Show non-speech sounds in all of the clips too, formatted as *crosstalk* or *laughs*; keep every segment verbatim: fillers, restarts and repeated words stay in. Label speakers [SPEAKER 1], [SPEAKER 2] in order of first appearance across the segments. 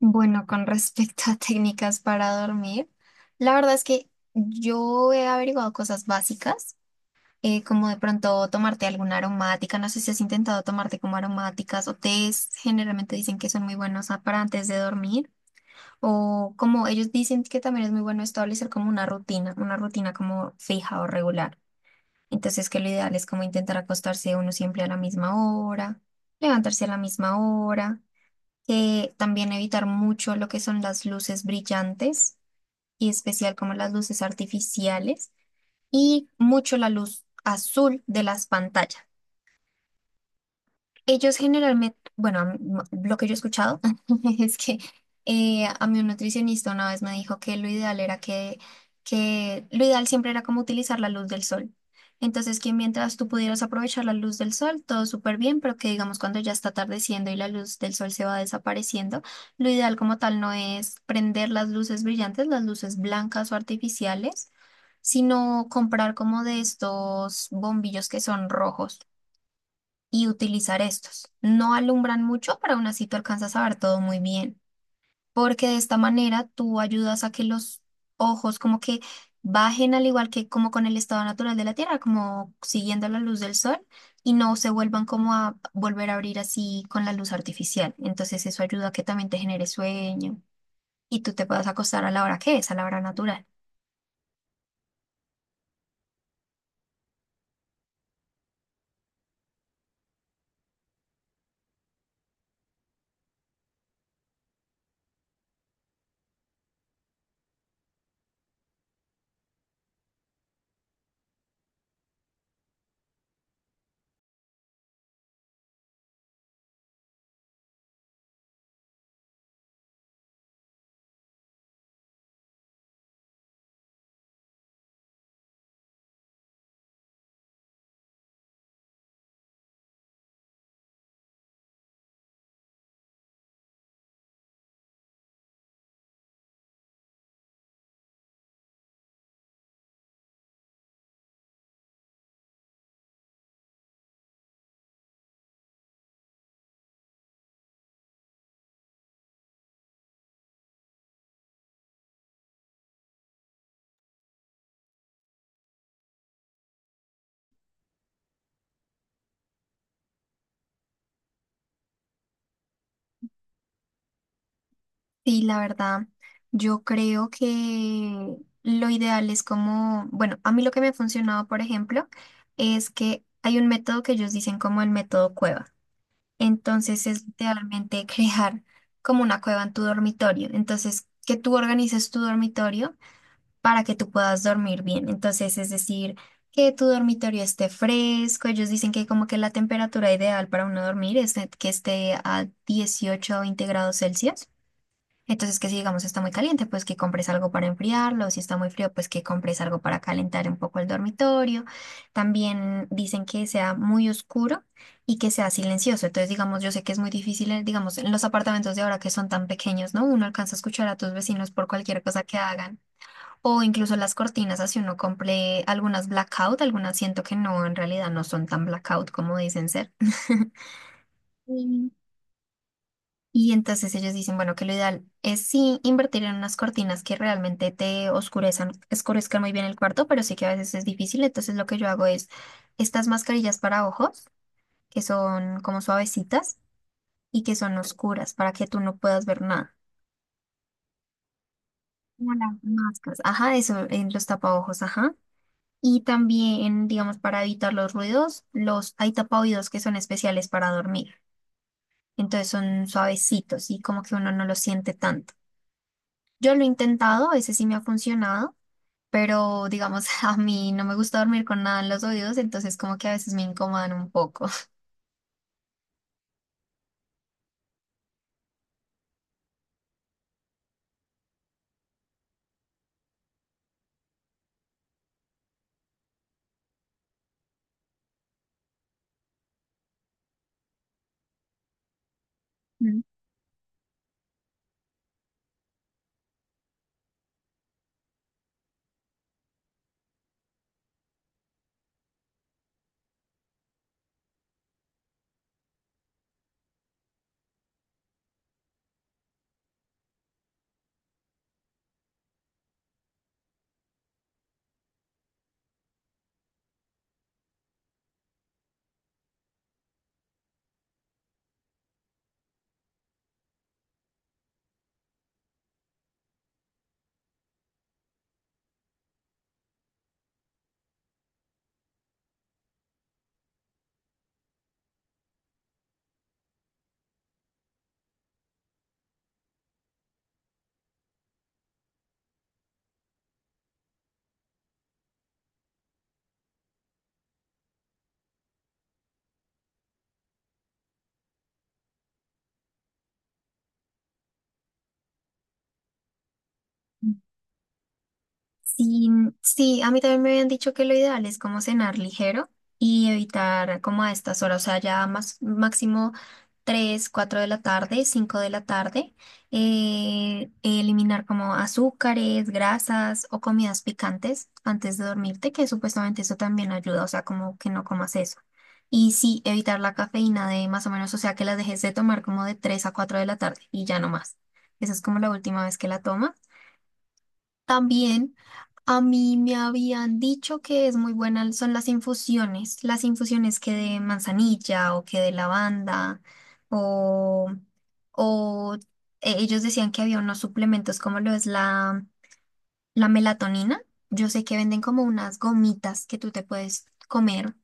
[SPEAKER 1] Bueno, con respecto a técnicas para dormir, la verdad es que yo he averiguado cosas básicas, eh, como de pronto tomarte alguna aromática, no sé si has intentado tomarte como aromáticas o tés, generalmente dicen que son muy buenos a- para antes de dormir, o como ellos dicen que también es muy bueno establecer como una rutina, una rutina como fija o regular. Entonces que lo ideal es como intentar acostarse uno siempre a la misma hora, levantarse a la misma hora, eh, también evitar mucho lo que son las luces brillantes y especial como las luces artificiales y mucho la luz azul de las pantallas. Ellos generalmente, bueno, a mí- m- lo que yo he escuchado *laughs* es que, eh, a mí un nutricionista una vez me dijo que lo ideal era que, que lo ideal siempre era como utilizar la luz del sol. Entonces, que mientras tú pudieras aprovechar la luz del sol, todo súper bien, pero que digamos cuando ya está atardeciendo y la luz del sol se va desapareciendo, lo ideal como tal no es prender las luces brillantes, las luces blancas o artificiales, sino comprar como de estos bombillos que son rojos y utilizar estos. No alumbran mucho, pero aún así tú alcanzas a ver todo muy bien, porque de esta manera tú ayudas a que los ojos como que bajen al igual que como con el estado natural de la Tierra, como siguiendo la luz del sol y no se vuelvan como a volver a abrir así con la luz artificial. Entonces eso ayuda a que también te genere sueño y tú te puedas acostar a la hora que es, a la hora natural. Sí, la verdad, yo creo que lo ideal es como, bueno, a mí lo que me ha funcionado, por ejemplo, es que hay un método que ellos dicen como el método cueva. Entonces es literalmente *laughs* crear como una cueva en tu dormitorio. Entonces, que tú organices tu dormitorio para que tú puedas dormir bien. Entonces, es decir, que tu dormitorio esté fresco. Ellos dicen que como que la temperatura ideal para uno dormir es que esté a dieciocho o veinte grados Celsius. Entonces, que si digamos está muy caliente, pues que compres algo para enfriarlo, si está muy frío, pues que compres algo para calentar un poco el dormitorio. También dicen que sea muy oscuro y que sea silencioso. Entonces, digamos, yo sé que es muy difícil, eh, digamos, en los apartamentos de ahora que son tan pequeños, ¿no? Uno alcanza a escuchar a tus vecinos por cualquier cosa que hagan. O incluso las cortinas, así uno compre algunas blackout, algunas siento que no, en realidad no son tan blackout como dicen ser. *laughs* Sí. Y entonces ellos dicen, bueno, que lo ideal es sí invertir en unas cortinas que realmente te oscurezcan, oscurezcan muy bien el cuarto, pero sí que a veces es difícil. Entonces lo que yo hago es estas mascarillas para ojos, que son como suavecitas y que son oscuras para que tú no puedas ver nada. Como las máscaras. Ajá, eso en los tapaojos, ajá. Y también, digamos, para evitar los ruidos, los hay tapaoídos que son especiales para dormir. Entonces son suavecitos y como que uno no los siente tanto. Yo lo he intentado, a veces sí me ha funcionado, pero digamos, *laughs* a mí no me gusta dormir con nada en los oídos, entonces como que a veces me incomodan un poco. *laughs* Mm. Sí, sí, a mí también me habían dicho que lo ideal es como cenar ligero y evitar como a estas horas, o sea, ya más, máximo tres, cuatro de la tarde, cinco de la tarde, eh, eliminar como azúcares, grasas o comidas picantes antes de dormirte, que supuestamente eso también ayuda, o sea, como que no comas eso. Y sí, evitar la cafeína de más o menos, o sea, que las dejes de tomar como de tres a cuatro de la tarde y ya no más. Esa es como la última vez que la tomas. También a mí me habían dicho que es muy buena, son las infusiones, las infusiones que de manzanilla o que de lavanda o, o eh, ellos decían que había unos suplementos como lo es la, la melatonina. Yo sé que venden como unas gomitas que tú te puedes comer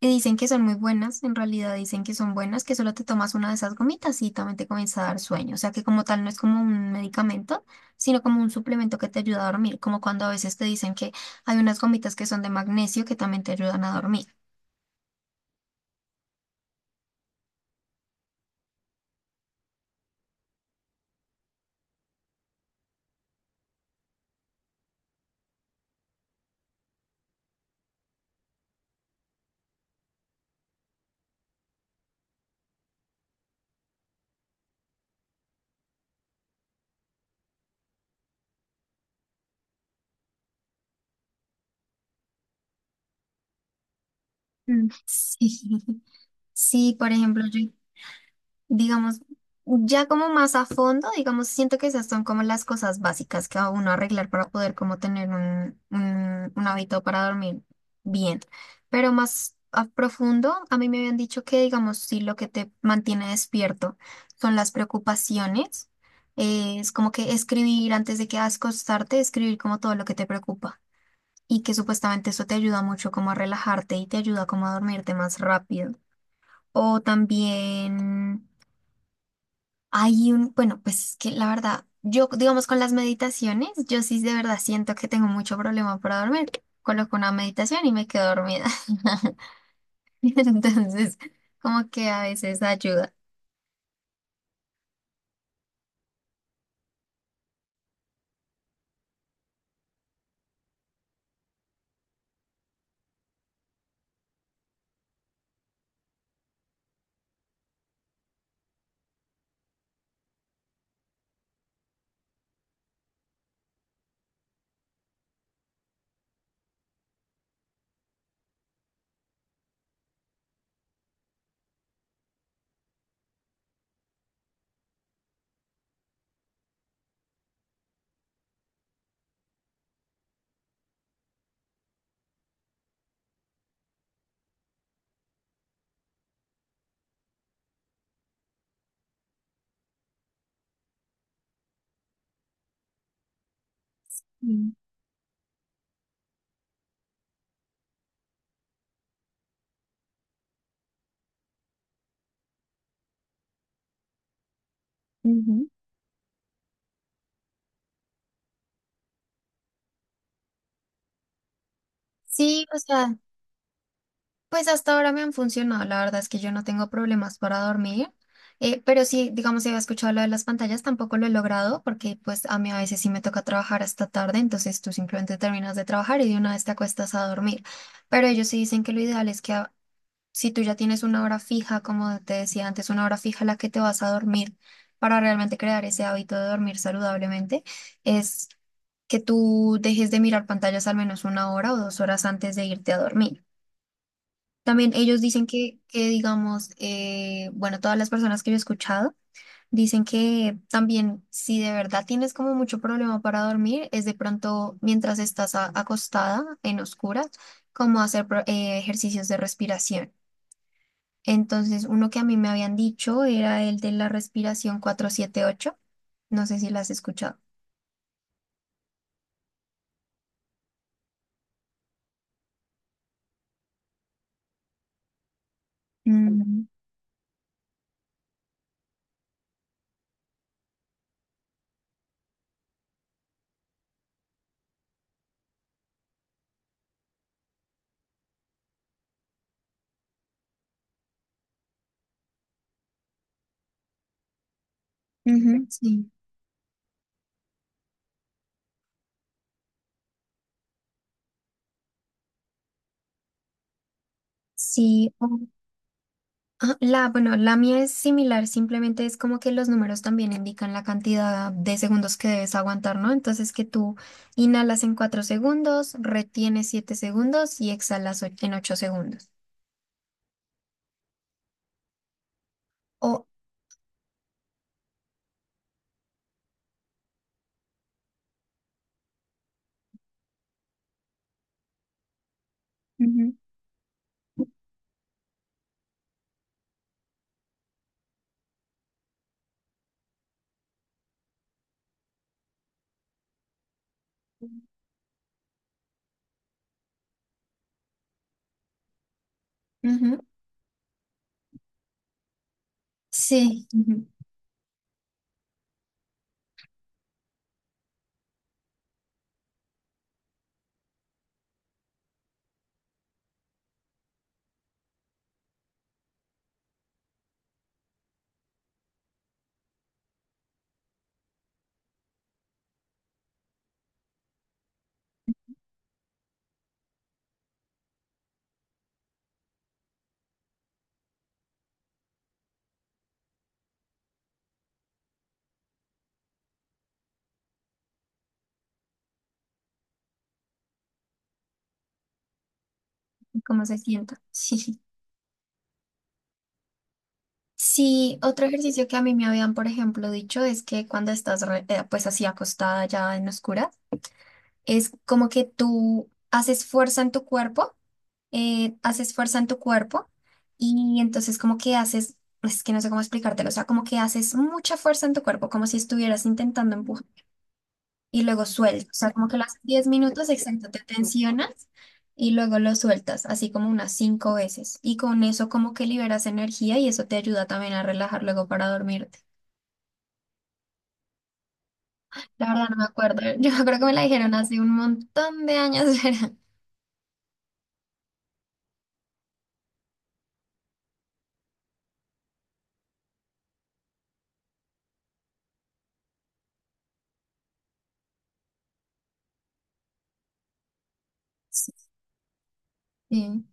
[SPEAKER 1] y dicen que son muy buenas, en realidad dicen que son buenas, que solo te tomas una de esas gomitas y también te comienza a dar sueño. O sea que como tal no es como un medicamento, sino como un suplemento que te ayuda a dormir, como cuando a veces te dicen que hay unas gomitas que son de magnesio que también te ayudan a dormir. Mm. Sí, *laughs* sí, por ejemplo, yo digamos, ya como más a fondo, digamos, siento que esas son como las cosas básicas que a uno arreglar para poder como tener un, un, un hábito para dormir bien. Pero más a profundo, a mí me habían dicho que, digamos, si lo que te mantiene despierto son las preocupaciones, eh, es como que escribir antes de que acostarte, escribir como todo lo que te preocupa. Y que supuestamente eso te ayuda mucho como a relajarte y te ayuda como a dormirte más rápido. O también... Hay un, bueno, pues es que la verdad, yo digamos con las meditaciones, yo sí de verdad siento que tengo mucho problema para dormir. Coloco una meditación y me quedo dormida. *laughs* Entonces, como que a veces ayuda. Mm, ujú. Sí, o sea. Pues hasta ahora me han funcionado, la verdad es que yo no tengo problemas para dormir, eh, pero sí, digamos, si había escuchado lo de las pantallas, tampoco lo he logrado porque pues a mí a veces sí me toca trabajar hasta tarde, entonces tú simplemente terminas de trabajar y de una vez te acuestas a dormir, pero ellos sí dicen que lo ideal es que a- si tú ya tienes una hora fija, como te decía antes, una hora fija a la que te vas a dormir para realmente crear ese hábito de dormir saludablemente, es que tú dejes de mirar pantallas al menos una hora o dos horas antes de irte a dormir. También ellos dicen que, que digamos, eh, bueno, todas las personas que yo he escuchado dicen que también si de verdad tienes como mucho problema para dormir, es de pronto mientras estás a- acostada en oscuras, como hacer pro- eh, ejercicios de respiración. Entonces, uno que a mí me habían dicho era el de la respiración cuatro siete ocho. No sé si la has escuchado. Mm, ujú, sí. Sí, ah, la, bueno, la mía es similar, simplemente es como que los números también indican la cantidad de segundos que debes aguantar, ¿no? Entonces que tú inhalas en cuatro segundos, retienes siete segundos y exhalas o- en ocho segundos. O, ujú. Ujú, sí, ujú, ¿cómo se sienta? *laughs* Sí. Sí, otro ejercicio que a mí me habían, por ejemplo, dicho es que cuando estás re- eh, pues así acostada ya en oscuras, es como que tú haces fuerza en tu cuerpo, eh, haces fuerza en tu cuerpo y entonces como que haces, es que no sé cómo explicártelo, o sea, como que haces mucha fuerza en tu cuerpo, como si estuvieras intentando empujar y luego sueltas, o sea, como que lo haces diez minutos, exacto, te tensionas y luego lo sueltas, así como unas cinco veces y con eso como que liberas energía y eso te ayuda también a relajar luego para dormirte. La verdad no me acuerdo, *laughs* yo creo que me la dijeron hace un montón de años, *laughs* ¿verdad? Sí.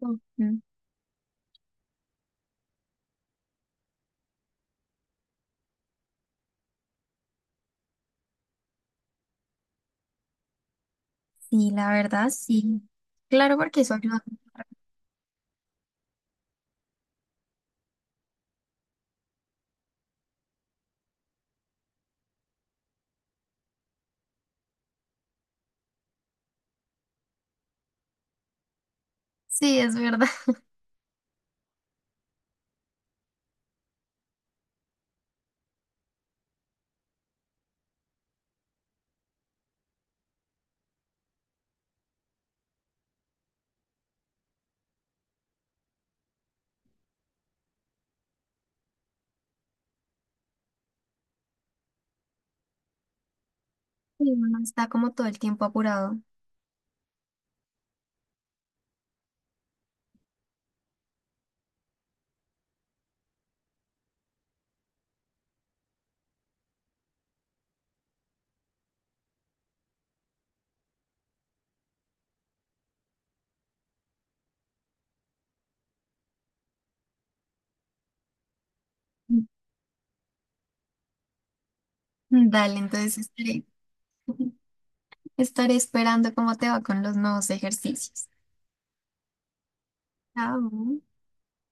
[SPEAKER 1] Ujú. Sí, la verdad, sí. Claro, porque eso ayuda. Sí, es verdad. *laughs* Y uno está como todo el tiempo apurado. Mm, dale, entonces estaré, *laughs* estaré esperando cómo te va con los nuevos ejercicios. Chao.